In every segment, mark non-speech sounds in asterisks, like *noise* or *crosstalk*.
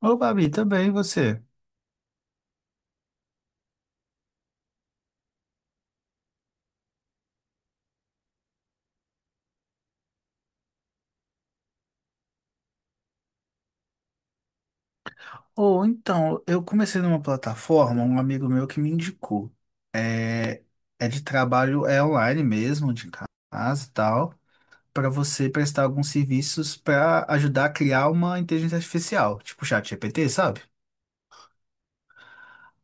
Ô, Babi, também e você? Ou então, eu comecei numa plataforma, um amigo meu que me indicou. É é de trabalho, é online mesmo, de casa e tal, para você prestar alguns serviços para ajudar a criar uma inteligência artificial, tipo chat GPT, sabe?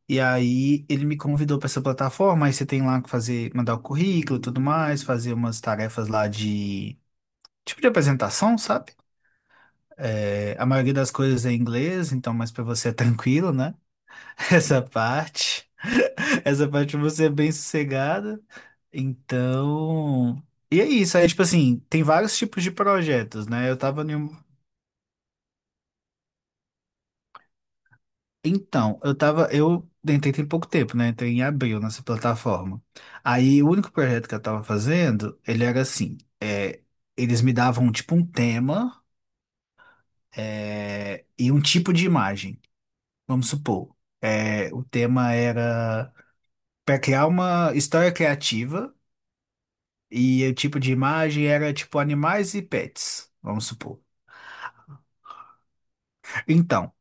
E aí ele me convidou para essa plataforma, aí você tem lá que fazer, mandar o currículo e tudo mais, fazer umas tarefas lá de tipo de apresentação, sabe? É, a maioria das coisas é em inglês, então, mas para você é tranquilo, né? *laughs* Essa parte. Essa parte você é bem sossegada. Então. E é isso. Aí, tipo assim, tem vários tipos de projetos, né? Eu tava em um. Então, eu tava. Eu entrei tem pouco tempo, né? Entrei em abril nessa plataforma. Aí, o único projeto que eu tava fazendo, ele era assim: eles me davam, tipo, um tema e um tipo de imagem. Vamos supor. O tema era para criar uma história criativa. E o tipo de imagem era tipo animais e pets, vamos supor. Então,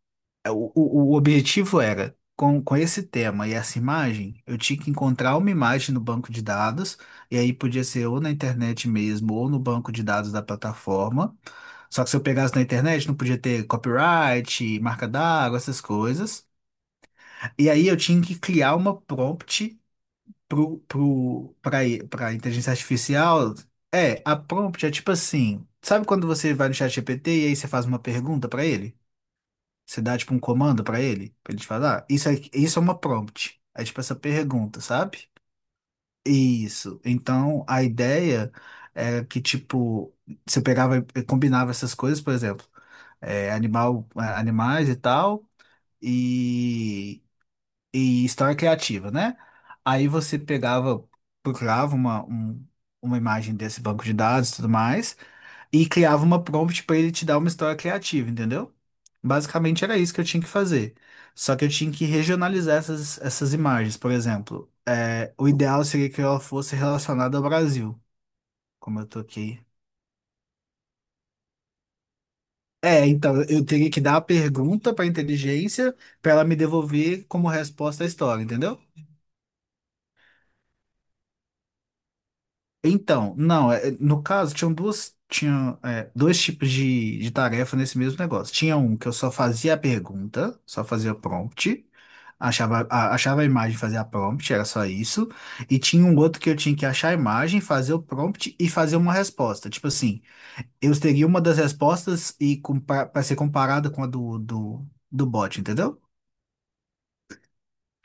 o objetivo era, com esse tema e essa imagem, eu tinha que encontrar uma imagem no banco de dados, e aí podia ser ou na internet mesmo, ou no banco de dados da plataforma. Só que se eu pegasse na internet, não podia ter copyright, marca d'água, essas coisas. E aí eu tinha que criar uma prompt pro, pro, pra, pra inteligência artificial, a prompt é tipo assim, sabe quando você vai no chat GPT e aí você faz uma pergunta pra ele? Você dá tipo um comando pra ele te falar, isso é uma prompt. É tipo essa pergunta, sabe? Isso. Então, a ideia era que tipo, você pegava e combinava essas coisas, por exemplo, animais e tal, e história criativa, né? Aí você pegava, procurava uma imagem desse banco de dados e tudo mais, e criava uma prompt para ele te dar uma história criativa, entendeu? Basicamente era isso que eu tinha que fazer. Só que eu tinha que regionalizar essas imagens, por exemplo. O ideal seria que ela fosse relacionada ao Brasil, como eu tô aqui. Então eu teria que dar a pergunta para a inteligência para ela me devolver como resposta a história, entendeu? Então, não, no caso, tinham duas, tinha, é, dois tipos de tarefa nesse mesmo negócio. Tinha um que eu só fazia a pergunta, só fazia o prompt, achava a imagem, fazia a prompt, era só isso. E tinha um outro que eu tinha que achar a imagem, fazer o prompt e fazer uma resposta. Tipo assim, eu teria uma das respostas e para ser comparada com a do bot, entendeu?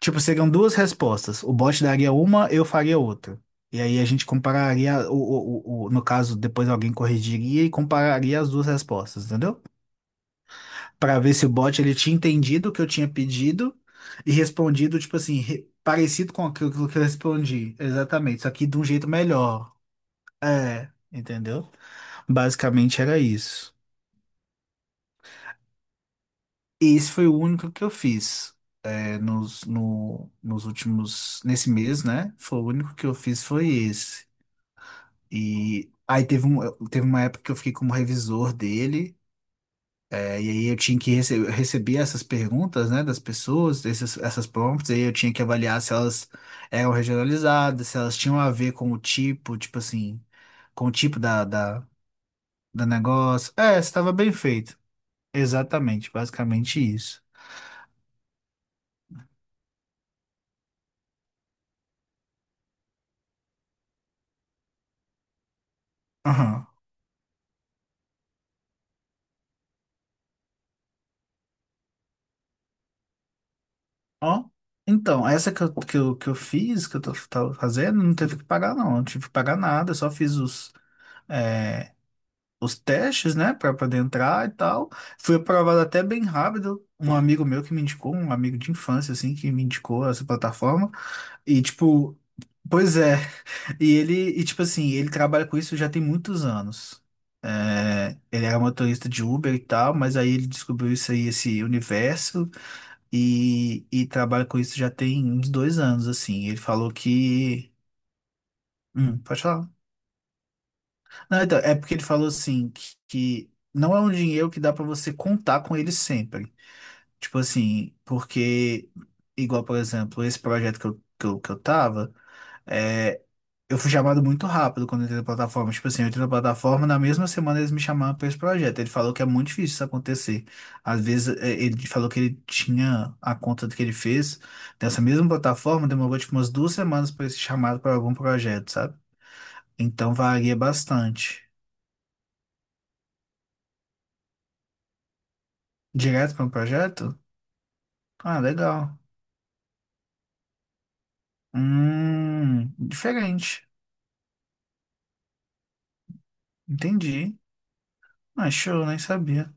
Tipo, seriam duas respostas. O bot daria uma, eu faria outra. E aí a gente compararia, no caso, depois alguém corrigiria e compararia as duas respostas, entendeu? Pra ver se o bot ele tinha entendido o que eu tinha pedido e respondido, tipo assim, parecido com aquilo que eu respondi. Exatamente, só que de um jeito melhor. Entendeu? Basicamente era isso. E esse foi o único que eu fiz. É, nos, no, nos últimos, nesse mês, né? Foi o único que eu fiz foi esse. E aí teve uma época que eu fiquei como revisor dele, e aí eu tinha que receber essas perguntas, né, das pessoas, essas prompts, aí eu tinha que avaliar se elas eram regionalizadas, se elas tinham a ver com o tipo, tipo assim, com o tipo da negócio. É, estava bem feito. Exatamente, basicamente isso. Aham. Ó, então, essa que eu fiz, que eu tava fazendo, não teve que pagar, não. Não tive que pagar nada, eu só fiz é, os testes, né, pra poder entrar e tal. Fui aprovado até bem rápido. Um amigo meu que me indicou, um amigo de infância, assim, que me indicou essa plataforma. E, tipo, pois é. *laughs* E tipo assim, ele trabalha com isso já tem muitos anos. É, ele era motorista de Uber e tal, mas aí ele descobriu isso aí, esse universo e trabalha com isso já tem uns 2 anos, assim. Ele falou que. Pode falar. Não, então, é porque ele falou assim que não é um dinheiro que dá pra você contar com ele sempre. Tipo assim, porque, igual, por exemplo, esse projeto que eu tava. é, Eu fui chamado muito rápido quando eu entrei na plataforma. Tipo assim, eu entrei na plataforma, na mesma semana eles me chamaram para esse projeto. Ele falou que é muito difícil isso acontecer. Às vezes, ele falou que ele tinha a conta que ele fez dessa mesma plataforma, demorou tipo umas 2 semanas para esse chamado para algum projeto, sabe? Então varia bastante. Direto para um projeto? Ah, legal. Diferente. Entendi. Ah, show, nem sabia.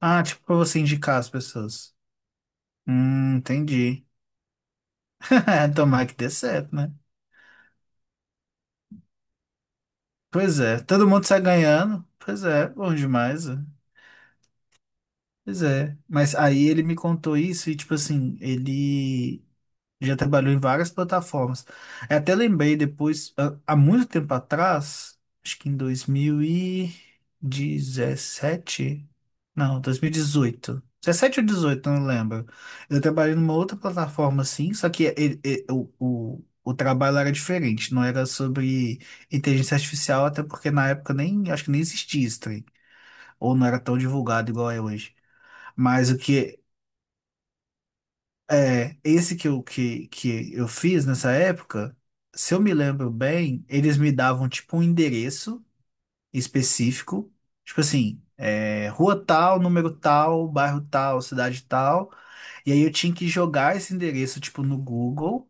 Ah, tipo para você indicar as pessoas. Entendi. *laughs* Tomara que dê certo, né? Pois é, todo mundo sai ganhando. Pois é, bom demais. É. Pois é. Mas aí ele me contou isso e, tipo assim, ele já trabalhou em várias plataformas. Eu até lembrei depois, há muito tempo atrás, acho que em 2017, não, 2018, 17 ou 18, não lembro. Eu trabalhei numa outra plataforma assim, só que o trabalho era diferente, não era sobre inteligência artificial, até porque na época nem, acho que nem existia isso, trem, ou não era tão divulgado igual é hoje. Mas esse que eu, que eu fiz nessa época, se eu me lembro bem, eles me davam tipo um endereço específico, tipo assim, rua tal, número tal, bairro tal, cidade tal, e aí eu tinha que jogar esse endereço tipo no Google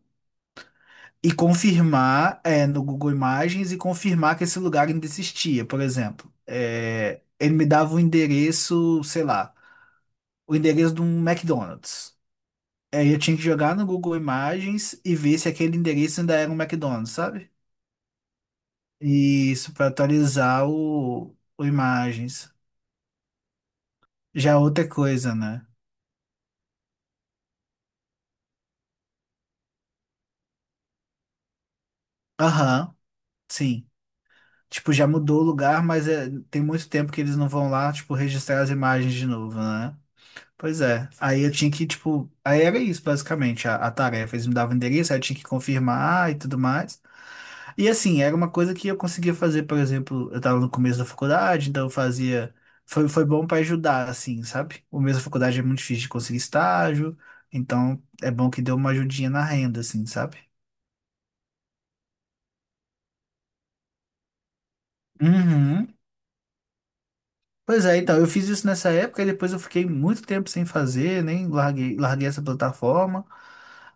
e confirmar, no Google Imagens e confirmar que esse lugar ainda existia, por exemplo. Ele me dava o endereço, sei lá, o endereço de um McDonald's. Aí eu tinha que jogar no Google Imagens e ver se aquele endereço ainda era um McDonald's, sabe? E isso, pra atualizar o Imagens. Já é outra coisa, né? Aham, sim. Tipo, já mudou o lugar, mas tem muito tempo que eles não vão lá, tipo, registrar as imagens de novo, né? Pois é. Aí eu tinha que, tipo, aí era isso, basicamente, a tarefa. Eles me davam o endereço, aí eu tinha que confirmar e tudo mais. E assim, era uma coisa que eu conseguia fazer, por exemplo, eu tava no começo da faculdade, então eu fazia. Foi bom para ajudar, assim, sabe? O mesmo da faculdade é muito difícil de conseguir estágio, então é bom que deu uma ajudinha na renda, assim, sabe? Uhum. Pois é, então, eu fiz isso nessa época e depois eu fiquei muito tempo sem fazer, nem larguei, larguei essa plataforma,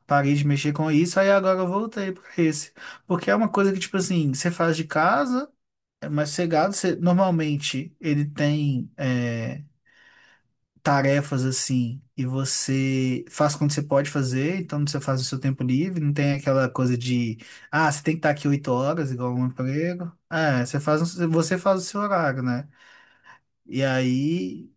parei de mexer com isso, aí agora eu voltei para esse. Porque é uma coisa que, tipo assim, você faz de casa, é mais sossegado, normalmente ele tem tarefas assim, e você faz quando você pode fazer, então você faz o seu tempo livre, não tem aquela coisa de, ah, você tem que estar aqui 8 horas, igual um emprego. É, você faz o seu horário, né? E aí.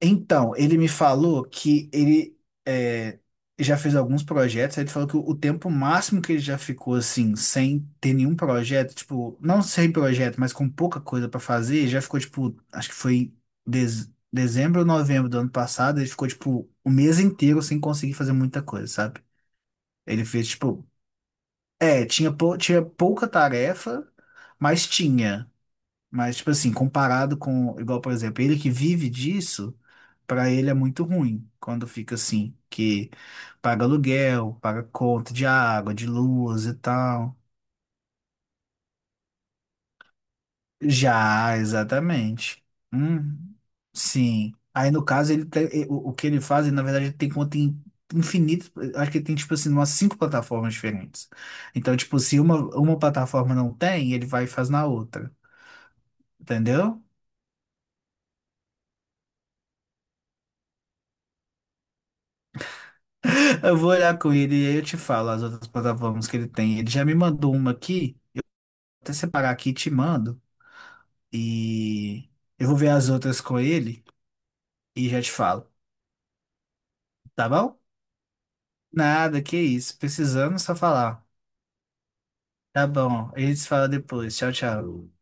Então, ele me falou que ele é, já fez alguns projetos, aí ele falou que o tempo máximo que ele já ficou assim, sem ter nenhum projeto, tipo, não sem projeto, mas com pouca coisa pra fazer, já ficou tipo, acho que foi dezembro ou novembro do ano passado, ele ficou tipo o mês inteiro sem conseguir fazer muita coisa, sabe? Ele fez tipo, tinha pouca tarefa, mas tinha. Mas, tipo assim, comparado com, igual, por exemplo, ele que vive disso, pra ele é muito ruim quando fica assim, que paga aluguel, paga conta de água, de luz e tal. Já, exatamente. Hum, sim. Aí, no caso, ele tem- e- o que ele faz, ele, na verdade, ele tem conta em infinito. Acho que ele tem, tipo assim, umas cinco plataformas diferentes. Então, tipo, se uma plataforma não tem, ele vai e faz na outra. Entendeu? Eu vou olhar com ele e aí eu te falo as outras plataformas que ele tem. Ele já me mandou uma aqui, até separar aqui e te mando. E eu vou ver as outras com ele e já te falo, tá bom? Nada, que isso. Precisando, é só falar. Tá bom, a gente se fala depois. Tchau, tchau.